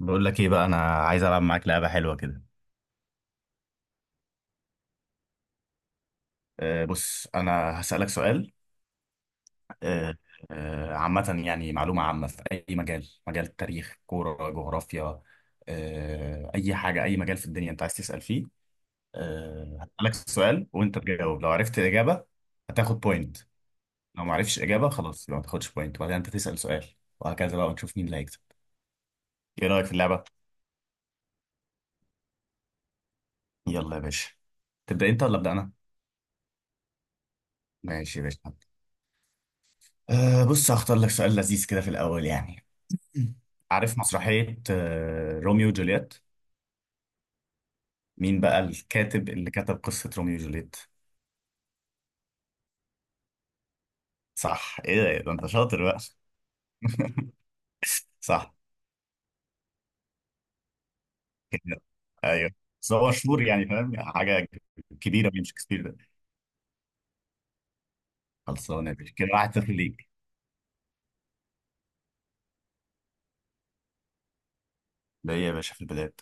بقول لك ايه بقى انا عايز العب معاك لعبه حلوه كده. بص انا هسالك سؤال. أه أه عامه، يعني معلومه عامه في اي مجال، مجال التاريخ، كوره، جغرافيا. اي حاجه، اي مجال في الدنيا انت عايز تسال فيه. هسالك سؤال وانت تجاوب، لو عرفت الاجابه هتاخد بوينت. لو ما عرفتش اجابه خلاص يبقى ما تاخدش بوينت، وبعدين انت تسال سؤال وهكذا بقى، ونشوف مين اللي هيكسب. ايه رايك في اللعبه؟ يلا يا باشا. تبدا انت ولا ابدا انا؟ ماشي يا باشا. بص هختار لك سؤال لذيذ كده في الاول يعني. مم. عارف مسرحية روميو وجولييت؟ مين بقى الكاتب اللي كتب قصة روميو وجولييت؟ صح، ايه ده إيه ده انت شاطر بقى. صح. كده ايوه، بس هو مشهور يعني، فاهم حاجة كبيرة من شكسبير ده. خلصانة يا باشا، كده 1-0 ليك. ده ايه يا باشا في البلاد؟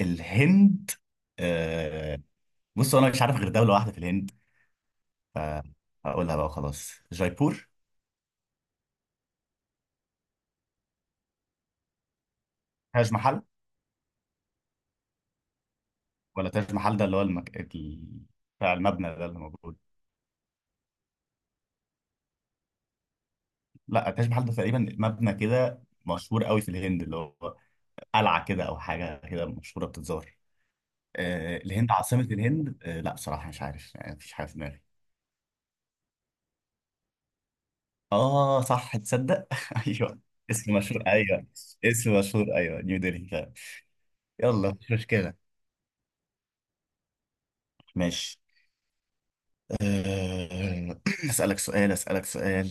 الهند. آه بص انا مش عارف غير دولة واحدة في الهند، فهقولها بقى وخلاص، جايبور. تاج محل؟ ولا تاج محل ده اللي هو بتاع المبنى ده اللي موجود. لا تاج محل ده تقريبا مبنى كده مشهور قوي في الهند، اللي هو قلعه كده او حاجه كده مشهوره بتتزار. الهند، عاصمه الهند لا بصراحه مش عارف يعني، مفيش حاجه في دماغي. اه صح، تصدق ايوه. اسم مشهور ايوه. اسم مشهور ايوه، نيو دلهي فعلا. يلا مش مشكله. ماشي. آه، اسالك سؤال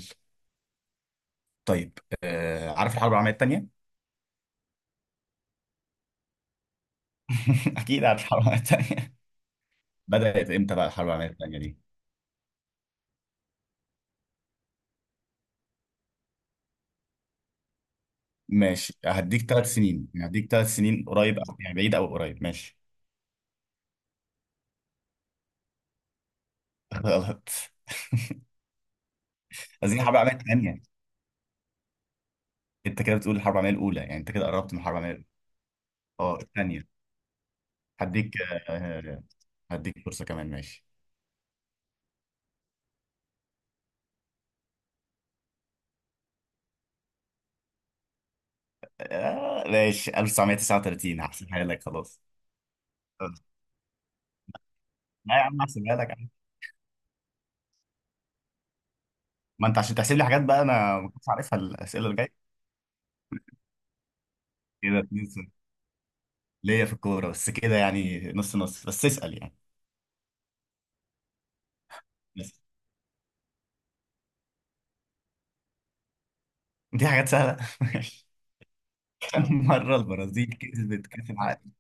طيب. عارف الحرب العالميه الثانيه؟ اكيد عارف الحرب العالميه الثانيه. بدات امتى بقى الحرب العالميه الثانيه دي؟ ماشي هديك 3 سنين، يعني هديك 3 سنين، قريب أو يعني بعيد أو قريب، ماشي. غلط. عايزين حرب عالمية الثانية. أنت كده بتقول الحرب العالمية الأولى، يعني أنت كده قربت من الحرب العالمية الأولى. الثانية. هديك آه، هديك فرصة كمان ماشي. ماشي 1939 هحسبها لك خلاص. آه. لا يا عم هحسبها لك عادي. ما أنت عشان تحسب لي حاجات بقى أنا ما كنتش عارفها، الأسئلة اللي جاية. كده 2-0. ليا في الكورة بس كده يعني نص نص، بس اسأل يعني. بس دي حاجات سهلة. مرة البرازيل كسبت كأس العالم.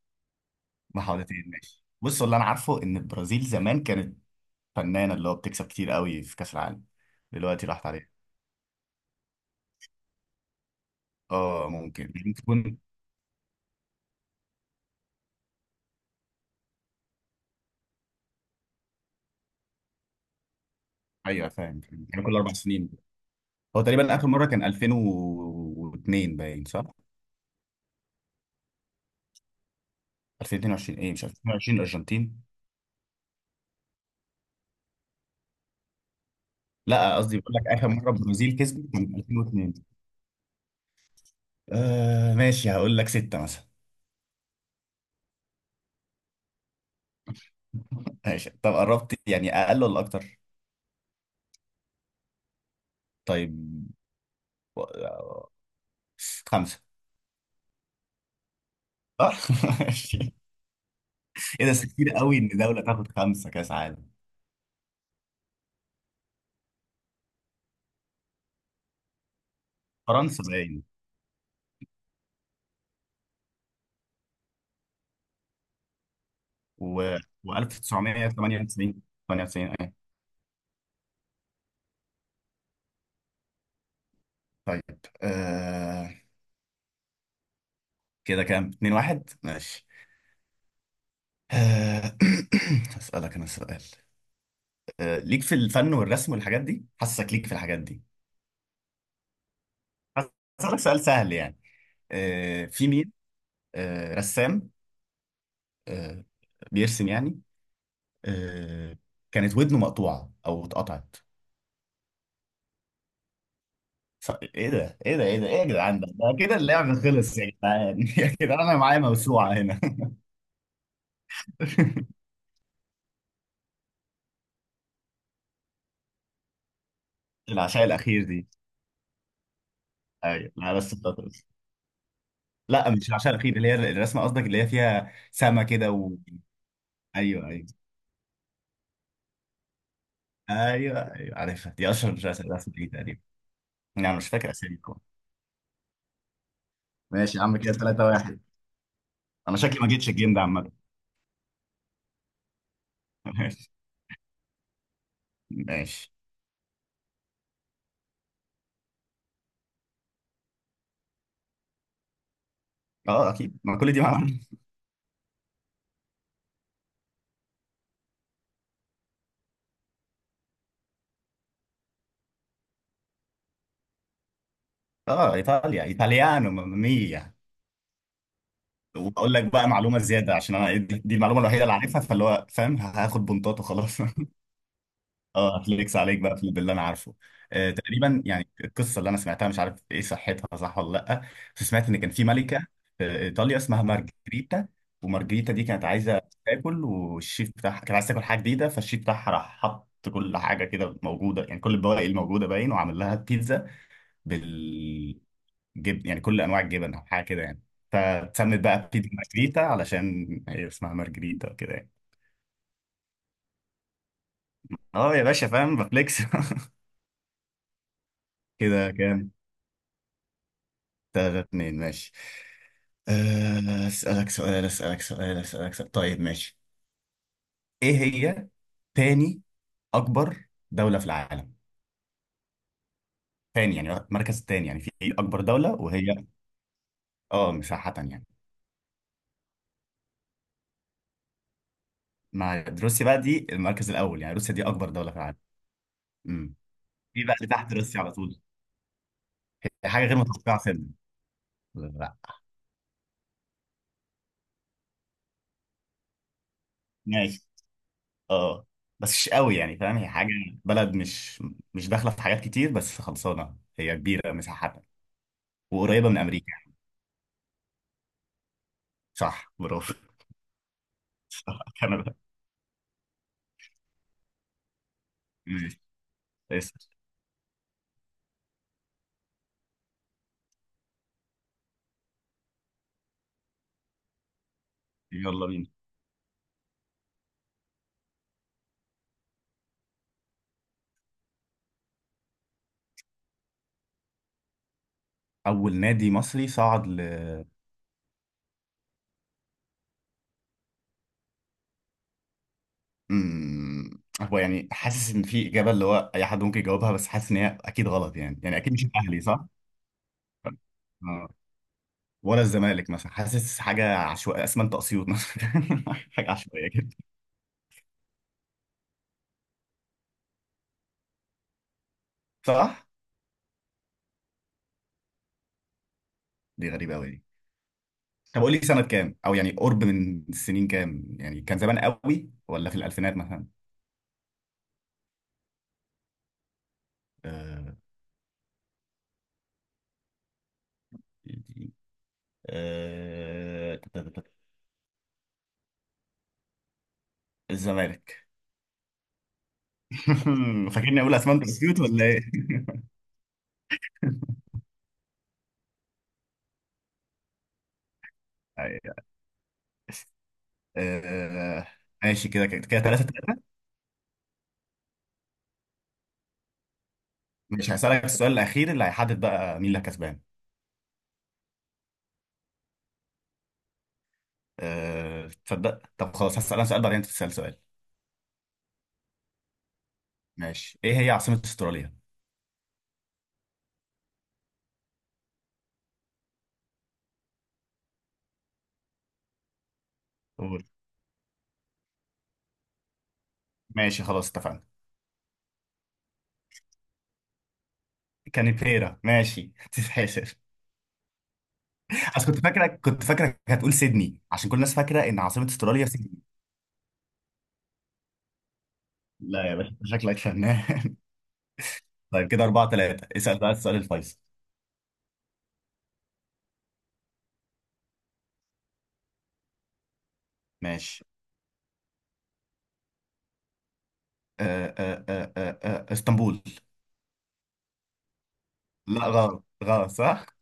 بحوالتين ماشي، بص اللي أنا عارفه إن البرازيل زمان كانت فنانة اللي هو بتكسب كتير قوي في كأس العالم، دلوقتي راحت عليها. اه ممكن تكون. أيوه فاهم، كان كل 4 سنين. هو تقريبا آخر مرة كان 2002 باين صح؟ 2022 إيه مش 2022 الأرجنتين. لا قصدي بقول لك آخر مرة البرازيل كسبت كان 2002. ماشي هقول لك ستة مثلا. ماشي طب قربت يعني، أقل ولا أكتر؟ طيب. و- آه، خمسة. صح ماشي. ايه ده، بس كتير قوي ان دوله تاخد خمسه كاس عالم. فرنسا باين. و و1998. 98 ايه. طيب. آه... كده كام 2-1 ماشي. آه... هسألك انا سؤال. ليك في الفن والرسم والحاجات دي، حاسسك ليك في الحاجات دي. هسألك سؤال سهل يعني. في مين رسام آه... بيرسم يعني آه... كانت ودنه مقطوعه او اتقطعت؟ ايه ده ايه يا جدعان، ده كده اللعب خلص يا جدعان. يا جدعان انا معايا موسوعه هنا. العشاء الاخير دي. ايوه لا بس بطرس. لا مش العشاء الاخير، اللي هي الرسمه قصدك اللي هي فيها سما كده و... ايوه ايوه. ايوه ايوه عارفها دي، اشهر رسمه، رسمه دي تقريبا. يعني انا مش فاكر اساميكم. ماشي يا عم كده 3-1. انا شكلي ما جيتش الجيم ده عامه. ماشي. ماشي. اه اكيد، ما كل دي معانا. اه ايطاليا، ايطاليانو ماميا. واقول لك بقى معلومه زياده عشان انا دي المعلومه الوحيده اللي عارفها، فاللي هو فاهم هاخد بنطات وخلاص. اه هفليكس عليك بقى في باللي انا عارفه. آه تقريبا يعني، القصه اللي انا سمعتها مش عارف ايه صحتها صح ولا لا. بس سمعت ان كان في ملكه في ايطاليا اسمها مارجريتا. ومارجريتا دي كانت عايزه تاكل، والشيف بتاعها كانت عايزه تاكل حاجه جديده، فالشيف بتاعها راح حط كل حاجه كده موجوده يعني، كل البواقي الموجوده باين وعمل لها بيتزا بال جبن، يعني كل انواع الجبن او حاجه كده يعني. فتسمت بقى بيتزا مارجريتا علشان هي اسمها مارجريتا وكده يعني. اه يا باشا فاهم بفليكس. كده كام 3-2 ماشي. اسالك سؤال طيب ماشي. ايه هي تاني اكبر دوله في العالم؟ تاني يعني المركز التاني، يعني في اكبر دوله، وهي اه مساحه يعني. مع روسيا بقى، دي المركز الاول، يعني روسيا دي اكبر دوله في العالم. امم في بقى اللي تحت روسيا على طول. حاجه غير متوقعه سنة. ماشي. اه بس مش قوي يعني، فاهم هي حاجه، بلد مش داخله في حاجات كتير، بس خلصانه هي كبيره مساحتها وقريبه من امريكا. صح برافو. صح كندا ماشي. اسال. يلا بينا. اول نادي مصري صعد ل. هو يعني حاسس ان في اجابه اللي هو اي حد ممكن يجاوبها، بس حاسس ان هي اكيد غلط، يعني اكيد مش الاهلي صح؟ اه ولا الزمالك مثلا، حاسس حاجه عشوائيه اسمنت اسيوط مثلا. حاجه عشوائيه كده. صح؟ دي غريبه قوي. طب قول لي سنة كام، او يعني قرب من السنين كام، يعني كان زمان قوي ولا في الألفينات مثلا؟ آه... آه... الزمالك. فاكرني اقول اسمنت بسيوت ولا ايه. أيوة. آه... ماشي كده كده كده 3-3. مش هسألك السؤال الأخير اللي هيحدد بقى مين اللي كسبان؟ تصدق طب خلاص هسأل انا سؤال بعدين انت تسأل سؤال. ماشي ايه هي عاصمة استراليا؟ قول. ماشي خلاص اتفقنا. كانبيرا ماشي، تتحسب. بس كنت فاكرك، كنت فاكرك هتقول سيدني، عشان كل الناس فاكره ان عاصمه استراليا سيدني. لا يا باشا أنت شكلك فنان. طيب كده 4-3، اسأل بقى السؤال الفيصل. ماشي. اسطنبول. لا غلط غلط صح؟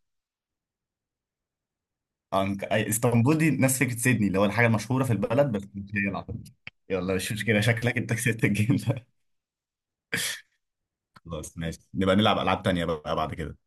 اسطنبول دي نفس فكرة سيدني، اللي هو الحاجة المشهورة في البلد بس مش هي العاصمة. يلا مش مشكلة، شكلك أنت كسبت الجيم ده. خلاص ماشي، نبقى نلعب ألعاب تانية بقى بعد كده.